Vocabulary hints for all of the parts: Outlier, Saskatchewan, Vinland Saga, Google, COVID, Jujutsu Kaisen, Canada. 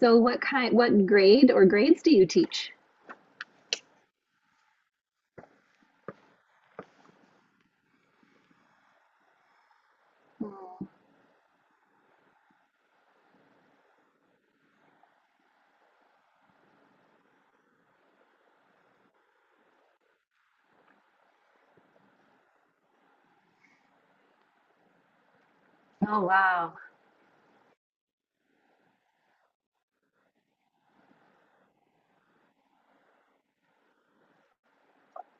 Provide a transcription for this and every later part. So what kind, what grade or grades do you teach? Mm.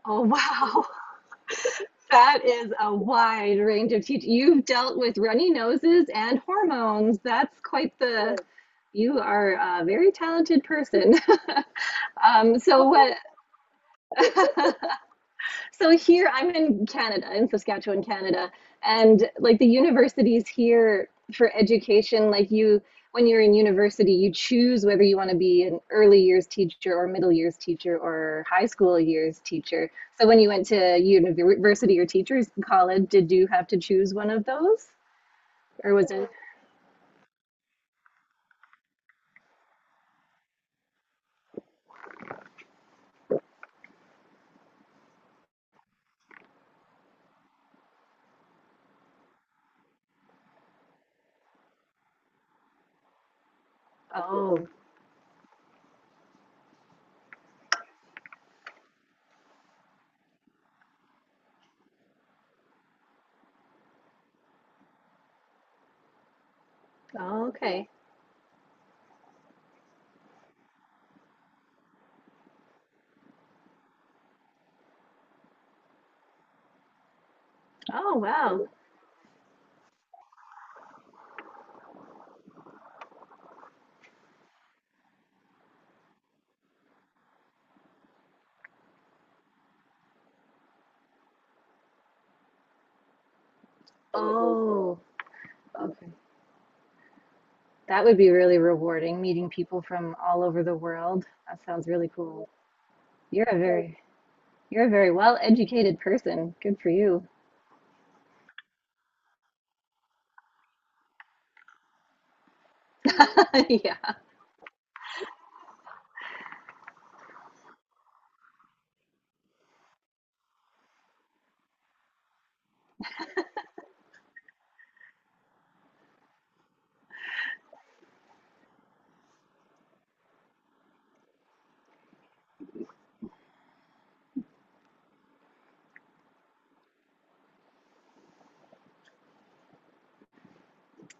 Oh, wow. That is a wide range of teach. You've dealt with runny noses and hormones. That's quite the, you are a very talented person. So what? So here I'm in Canada, in Saskatchewan, Canada, and like the universities here for education, like you, when you're in university, you choose whether you want to be an early years teacher or middle years teacher or high school years teacher. So when you went to university or teachers college, did you have to choose one of those? Or was it, oh, oh, okay. Oh, wow. Oh, okay. That would be really rewarding, meeting people from all over the world. That sounds really cool. You're a very you're a very well-educated person. Good for you. Yeah.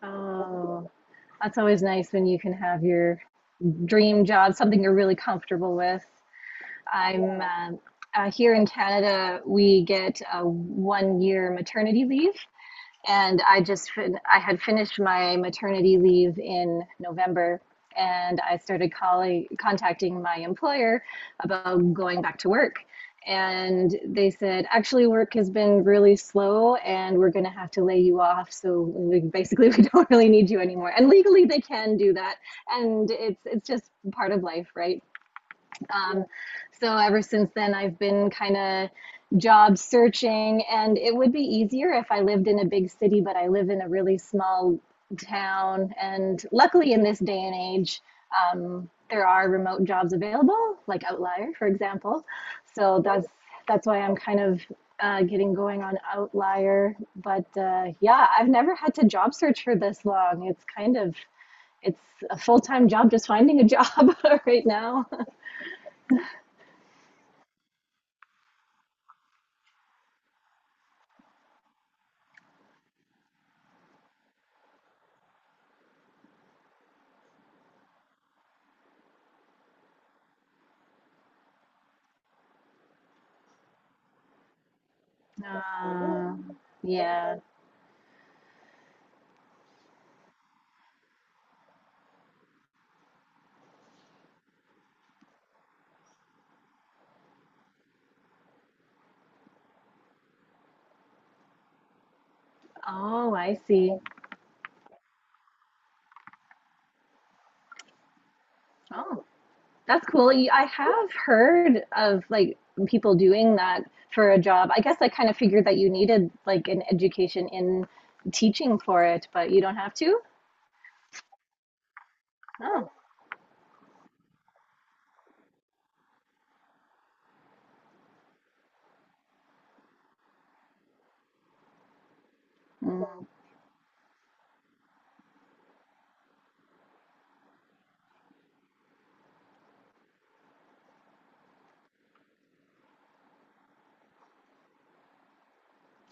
Oh, that's always nice when you can have your dream job, something you're really comfortable with. I'm Here in Canada, we get a one-year maternity leave. And I just I had finished my maternity leave in November, and I started calling contacting my employer about going back to work. And they said, actually, work has been really slow, and we're going to have to lay you off. So we, basically, we don't really need you anymore. And legally, they can do that, and it's just part of life, right? Um, so ever since then, I've been kind of job searching, and it would be easier if I lived in a big city, but I live in a really small town. And luckily, in this day and age, there are remote jobs available, like Outlier, for example. So that's why I'm kind of getting going on Outlier. But yeah, I've never had to job search for this long. It's kind of it's a full-time job just finding a job right now. Uh, yeah. Oh, I see. Oh, that's cool. You- I have heard of like people doing that for a job. I guess I kind of figured that you needed like an education in teaching for it, but you don't have to. Oh,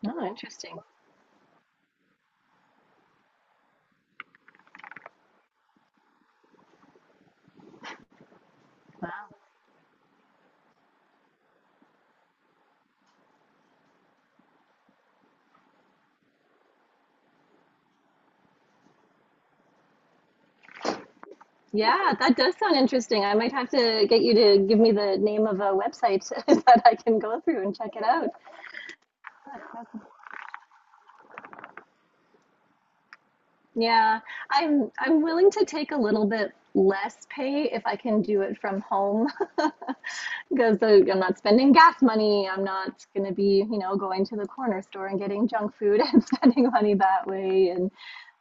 oh, interesting. Wow. Yeah, that does sound interesting. I might have to get you to give me the name of a website that I can go through and check it out. Yeah, I'm willing to take a little bit less pay if I can do it from home. Because I'm not spending gas money. I'm not going to be, you know, going to the corner store and getting junk food and spending money that way and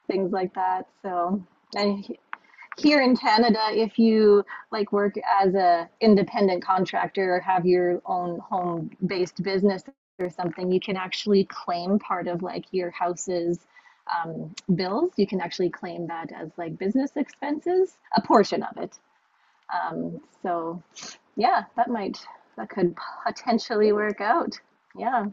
things like that. So, and here in Canada, if you like work as a independent contractor or have your own home-based business or something, you can actually claim part of like your house's bills. You can actually claim that as like business expenses, a portion of it. So yeah, that could potentially work out. Yeah.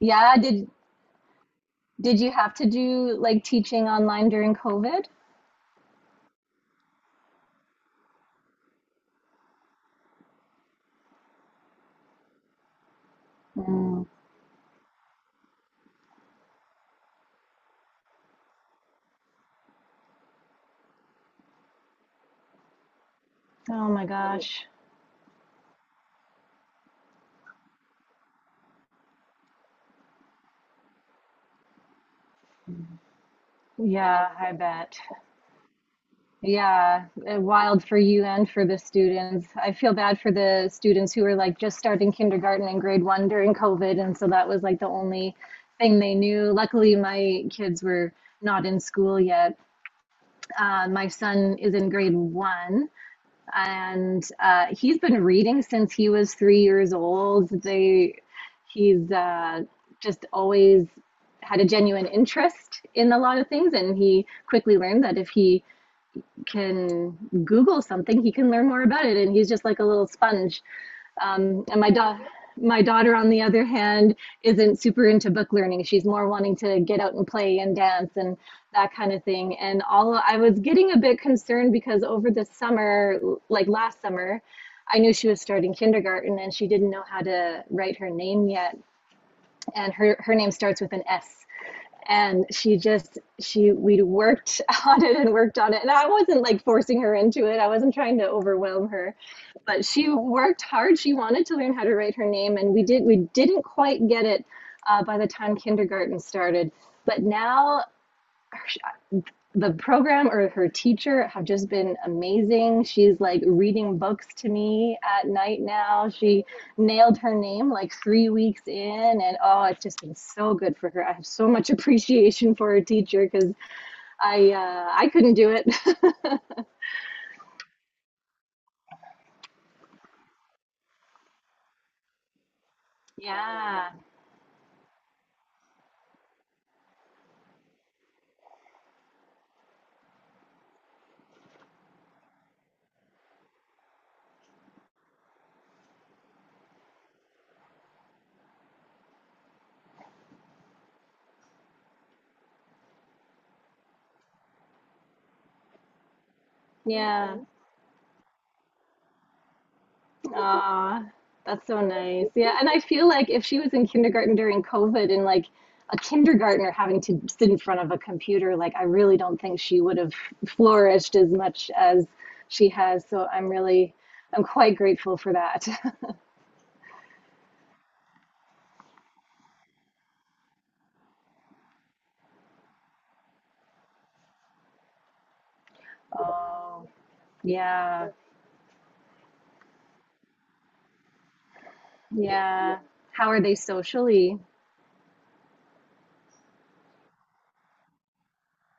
Yeah, did you have to do like teaching online during COVID? Mm. Oh my gosh. Yeah, I bet. Yeah, wild for you and for the students. I feel bad for the students who were like just starting kindergarten and grade 1 during COVID and so that was like the only thing they knew. Luckily my kids were not in school yet. My son is in grade 1 and he's been reading since he was 3 years old. He's just always had a genuine interest in a lot of things, and he quickly learned that if he can Google something, he can learn more about it. And he's just like a little sponge, and my daughter. My daughter, on the other hand, isn't super into book learning. She's more wanting to get out and play and dance and that kind of thing. And all I was getting a bit concerned because over the summer, like last summer, I knew she was starting kindergarten and she didn't know how to write her name yet. And her name starts with an S and she just she we worked on it and worked on it and I wasn't like forcing her into it. I wasn't trying to overwhelm her, but she worked hard. She wanted to learn how to write her name and we didn't quite get it by the time kindergarten started, but now the program or her teacher have just been amazing. She's like reading books to me at night now. She nailed her name like 3 weeks in, and oh, it's just been so good for her. I have so much appreciation for her teacher because I couldn't do it. Yeah, yeah. Ah, that's so nice. Yeah, and I feel like if she was in kindergarten during COVID and like a kindergartner having to sit in front of a computer, like I really don't think she would have flourished as much as she has. So I'm really, I'm quite grateful for that. Oh, yeah, yeah. How are they socially?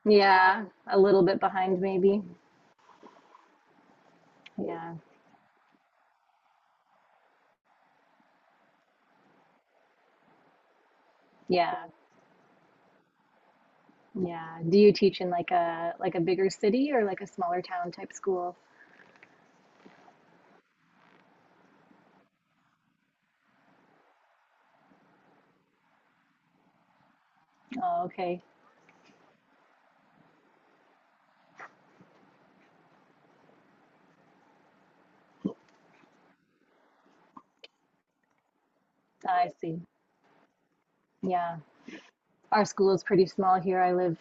Yeah, a little bit behind maybe. Yeah, yeah, yeah. Do you teach in like a bigger city or like a smaller town type school? Oh, okay. I see. Yeah. Our school is pretty small here. I live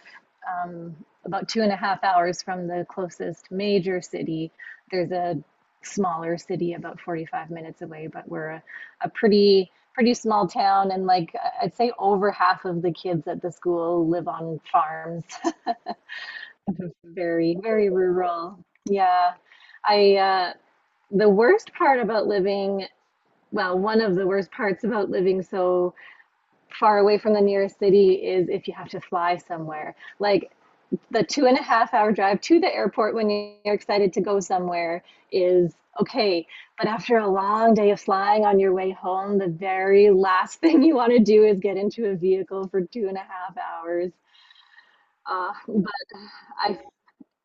um, about 2.5 hours from the closest major city. There's a smaller city about 45 minutes away, but a pretty small town and like I- would say over half of the kids at the school live on farms. Very, very rural. Yeah. I The worst part about living, well, one of the worst parts about living so far away from the nearest city is if you have to fly somewhere. Like the 2.5 hour drive to the airport when you're excited to go somewhere is okay. But after a long day of flying on your way home, the very last thing you want to do is get into a vehicle for 2.5 hours. But I,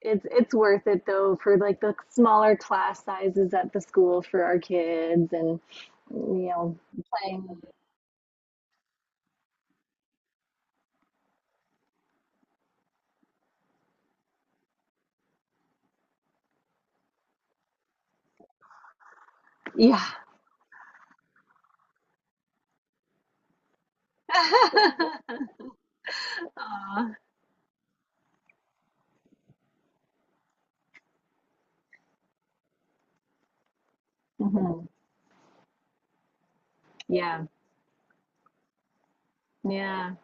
it's worth it though for like the smaller class sizes at the school for our kids and you know playing. Yeah. Aw. Mhm. Yeah, yeah,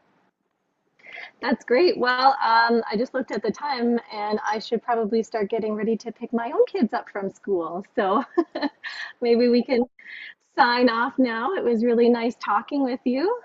that's great. Well, I just looked at the time and I should probably start getting ready to pick my own kids up from school. So maybe we can sign off now. It was really nice talking with you.